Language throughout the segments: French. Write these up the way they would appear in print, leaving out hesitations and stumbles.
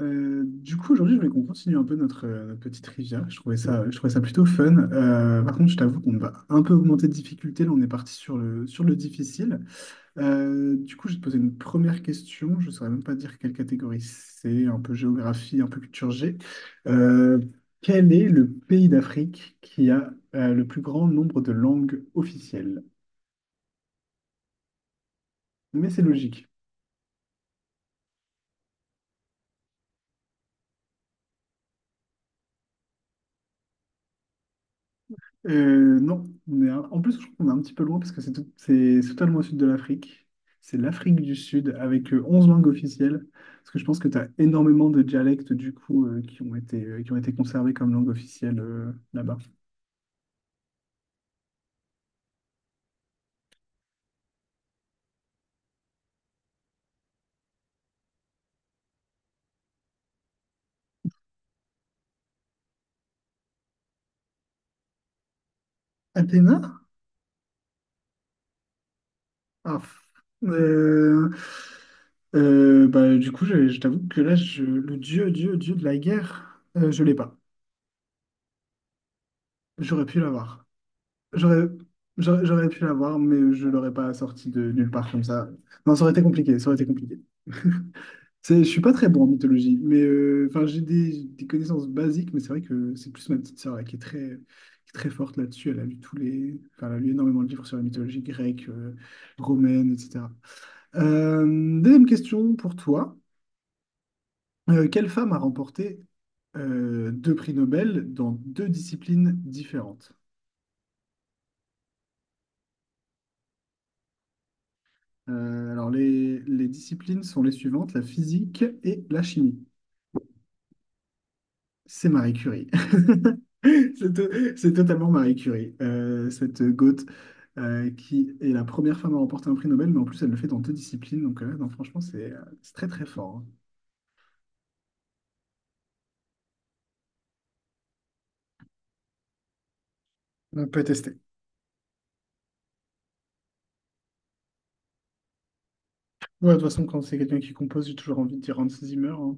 Du coup, aujourd'hui, je voulais qu'on continue un peu notre, notre petite rivière. Je trouvais ça plutôt fun. Par contre, je t'avoue qu'on va un peu augmenter de difficulté. Là, on est parti sur le difficile. Du coup, je vais te poser une première question. Je ne saurais même pas dire quelle catégorie c'est, un peu géographie, un peu culture G. Euh, Quel est le pays d'Afrique qui a le plus grand nombre de langues officielles? Mais c'est logique. Non, on est en plus, je trouve qu'on est un petit peu loin parce que c'est c'est totalement au sud de l'Afrique. C'est l'Afrique du Sud avec 11 langues officielles. Parce que je pense que tu as énormément de dialectes du coup qui ont été conservés comme langue officielle là-bas. Athéna? Ah, euh, bah, du coup, je t'avoue que là, le dieu de la guerre, je l'ai pas. J'aurais pu l'avoir. J'aurais, j'aurais pu l'avoir, mais je l'aurais pas sorti de nulle part comme ça. Non, ça aurait été compliqué, ça aurait été compliqué. Je suis pas très bon en mythologie, mais enfin, j'ai des connaissances basiques, mais c'est vrai que c'est plus ma petite sœur là, qui est très forte là-dessus. Elle a lu tous les, enfin, elle a lu énormément de livres sur la mythologie grecque, romaine, etc. Euh, Deuxième question pour toi. Quelle femme a remporté deux prix Nobel dans deux disciplines différentes? Alors, les disciplines sont les suivantes, la physique et la chimie. C'est Marie Curie. C'est totalement Marie Curie, cette goth qui est la première femme à remporter un prix Nobel, mais en plus, elle le fait dans deux disciplines. Donc, non, franchement, c'est très, très fort. Hein. On peut tester. Ouais, de toute façon, quand c'est quelqu'un qui compose, j'ai toujours envie de dire Hans Zimmer, hein.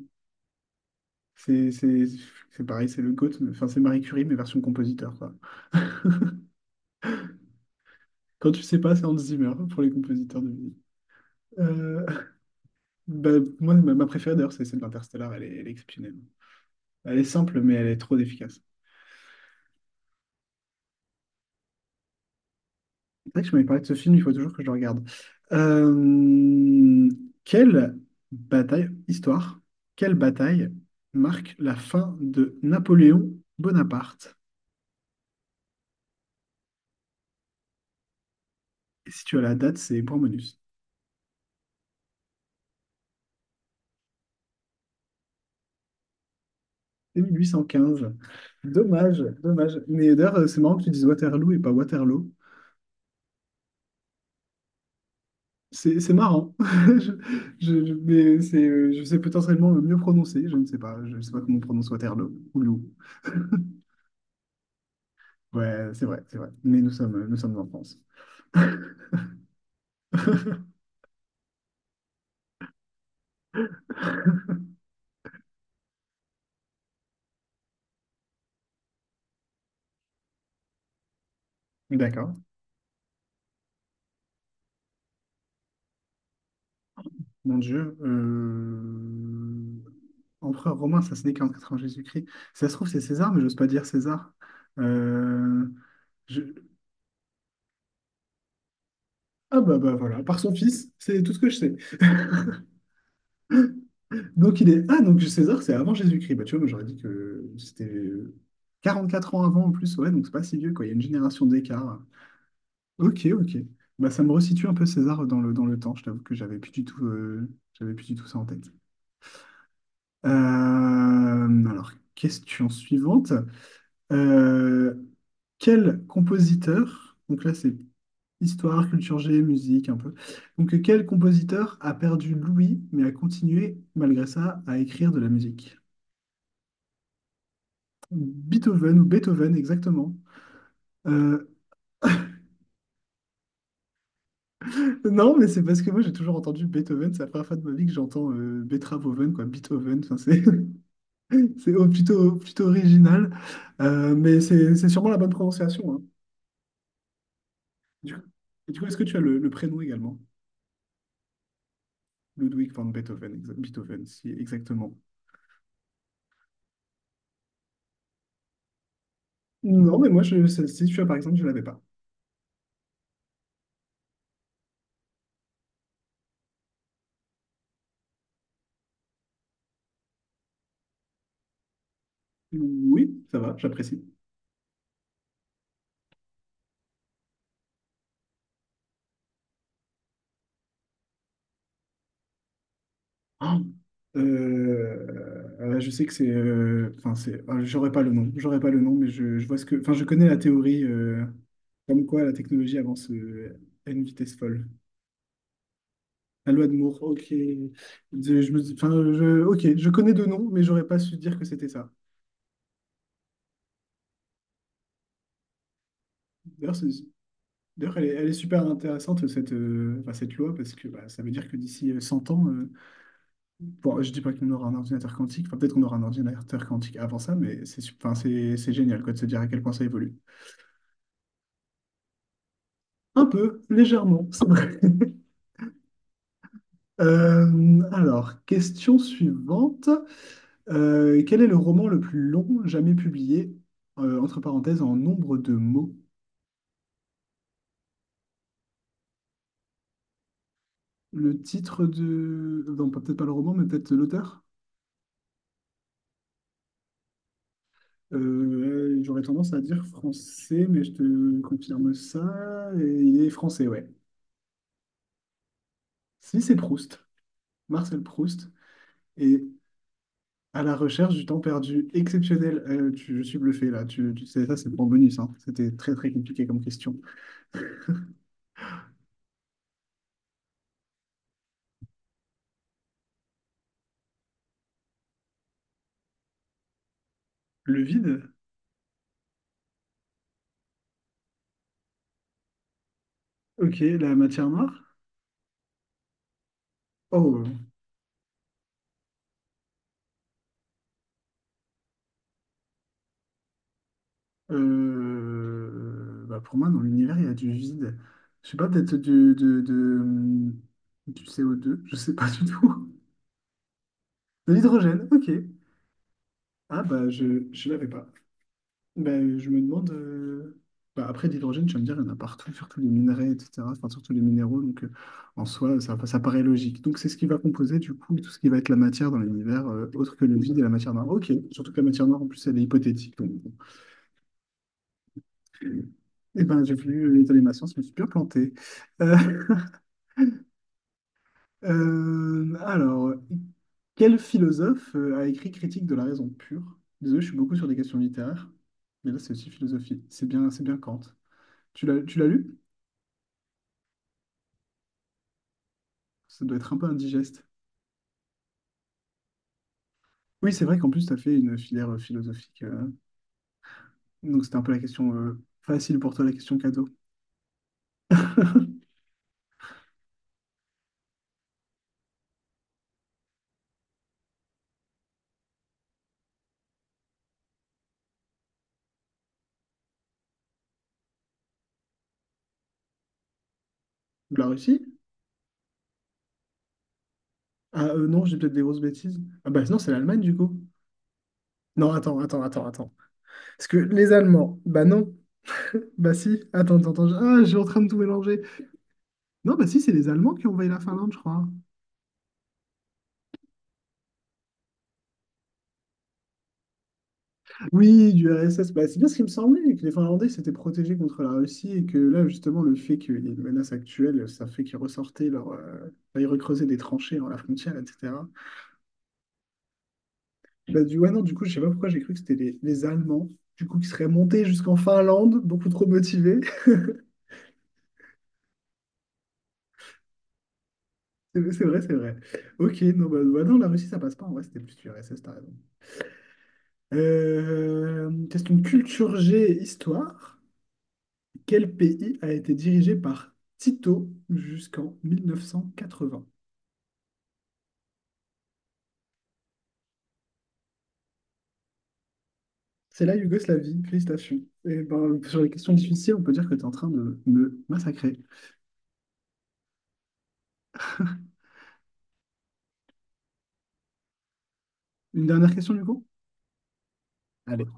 C'est c'est- c'est pareil, c'est le goat enfin, c'est Marie Curie, mais version compositeur, quoi. Quand tu sais pas, c'est Hans Zimmer pour les compositeurs de musique. Bah, moi, ma préférée d'ailleurs, c'est celle d'Interstellar. Elle est exceptionnelle. Elle est simple, mais elle est trop efficace. C'est vrai que je m'avais parlé de ce film, il faut toujours que je le regarde. Euh, Quelle bataille, histoire, quelle bataille marque la fin de Napoléon Bonaparte? Et si tu as la date, c'est point bonus. C'est 1815. Dommage, dommage. Mais d'ailleurs, c'est marrant que tu dises Waterloo et pas Waterloo. C'est marrant. Mais c'est, je sais potentiellement le mieux prononcer. Je ne sais pas. Je ne sais pas comment on prononce Waterloo. Waterloo. Ouais, c'est vrai, c'est vrai. Mais nous sommes en France. D'accord. Mon Dieu. Empereur romain, ça se naît 44 ans Jésus-Christ. Si ça se trouve, c'est César, mais j'ose pas dire César. Euh, je- Ah, bah voilà, par son fils, c'est tout ce que je sais. Donc il est... Ah, donc César, c'est avant Jésus-Christ. Bah, tu vois, moi j'aurais dit que c'était 44 ans avant en plus, ouais, donc c'est pas si vieux, quoi. Il y a une génération d'écart. Ok, ok. Bah, ça me resitue un peu César dans le temps. Je t'avoue que j'avais plus du tout, j'avais plus du tout ça en tête. Alors, question suivante. Euh, Quel compositeur, donc là c'est histoire, culture G, musique un peu, donc quel compositeur a perdu l'ouïe mais a continué malgré ça à écrire de la musique? Beethoven ou Beethoven, exactement. Euh, non, mais c'est parce que moi j'ai toujours entendu Beethoven, c'est la première fois de ma vie que j'entends Beethoven, quoi, Beethoven, enfin, c'est plutôt original. Mais c'est sûrement la bonne prononciation, hein. Du coup, du coup, est-ce que tu as le prénom également? Ludwig van Beethoven, Beethoven, si, exactement. Non, mais moi, je, celle-ci, tu vois, par exemple, je l'avais pas. Oui, ça va, j'apprécie. Ah, je sais que c'est, enfin c'est, ah, j'aurais pas le nom, mais je vois ce que, enfin je connais la théorie comme quoi la technologie avance à une vitesse folle. La loi de Moore, ok, enfin je, ok, je connais deux noms, mais j'aurais pas su dire que c'était ça. D'ailleurs, c'est- d'ailleurs, elle est super intéressante cette, enfin, cette loi parce que bah, ça veut dire que d'ici 100 ans, bon, je dis pas qu'on aura un ordinateur quantique, enfin peut-être qu'on aura un ordinateur quantique avant ça, mais enfin c'est génial quoi de se dire à quel point ça évolue. Un peu, légèrement, c'est vrai. Alors, question suivante. Quel est le roman le plus long jamais publié, entre parenthèses, en nombre de mots? Le titre de... Non, peut-être pas le roman, mais peut-être l'auteur? J'aurais tendance à dire français, mais je te confirme ça. Et il est français, ouais. Si, c'est Proust, Marcel Proust. Et à la recherche du temps perdu exceptionnel. Je suis bluffé là. Tu sais, ça, c'est pour bonus, hein. C'était très très compliqué comme question. Le vide? Ok, la matière noire? Oh, bah pour moi, dans l'univers, il y a du vide. Je sais pas, peut-être du CO2, je sais pas du tout. De l'hydrogène, ok. Ah bah, je l'avais pas. Bah, je me demande... bah, après, l'hydrogène, tu vas me dire, il y en a partout, surtout les minerais, etc. Enfin, surtout les minéraux, donc en soi, ça paraît logique. Donc c'est ce qui va composer, du coup, tout ce qui va être la matière dans l'univers, autre que le vide et la matière noire. Ok, surtout que la matière noire, en plus, elle est hypothétique, donc... bon. Eh ben, j'ai vu l'état des nations, je me suis bien planté. Euh, alors, quel philosophe a écrit Critique de la raison pure? Désolé, je suis beaucoup sur des questions littéraires, mais là, c'est aussi philosophie. C'est bien Kant. Tu l'as lu? Ça doit être un peu indigeste. Oui, c'est vrai qu'en plus, tu as fait une filière philosophique. Donc, c'était un peu la question facile pour toi, la question cadeau. De la Russie? Ah, non, j'ai peut-être des grosses bêtises. Ah bah non, c'est l'Allemagne du coup. Non, attends, attends, attends, attends. Parce que les Allemands, bah non. Bah si, attends, attends, attends, ah, je suis en train de tout mélanger. Non, bah si, c'est les Allemands qui ont envahi la Finlande, je crois. Oui, du RSS, bah, c'est bien ce qui me semblait, que les Finlandais s'étaient protégés contre la Russie et que là, justement, le fait qu'il y ait une menace actuelle, ça fait qu'ils ressortaient leur... bah, ils recreusaient des tranchées dans la frontière, etc. Bah du... Ouais, non, du coup, je sais pas pourquoi j'ai cru que c'était les Allemands, du coup, qui seraient montés jusqu'en Finlande, beaucoup trop motivés. C'est vrai, c'est vrai. Ok, non, bah, non, la Russie, ça passe pas, en vrai, c'était plus du RSS, t'as raison. Question culture G, histoire. Quel pays a été dirigé par Tito jusqu'en 1980? C'est la Yougoslavie, félicitations. Et ben, sur les questions difficiles, on peut dire que tu es en train de me massacrer. Une dernière question, du coup? Allez.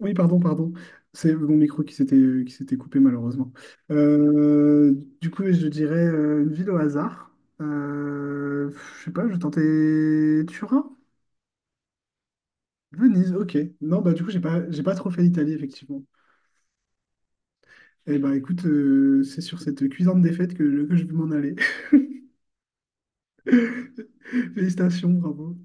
Oui, pardon, pardon. C'est mon micro qui s'était coupé, malheureusement. Euh, du coup, je dirais une ville au hasard. Euh, je sais pas, je tentais Turin? Venise, ok. Non, bah du coup, j'ai pas trop fait l'Italie, effectivement. Eh ben écoute, c'est sur cette cuisante défaite que je vais m'en aller. Félicitations, bravo.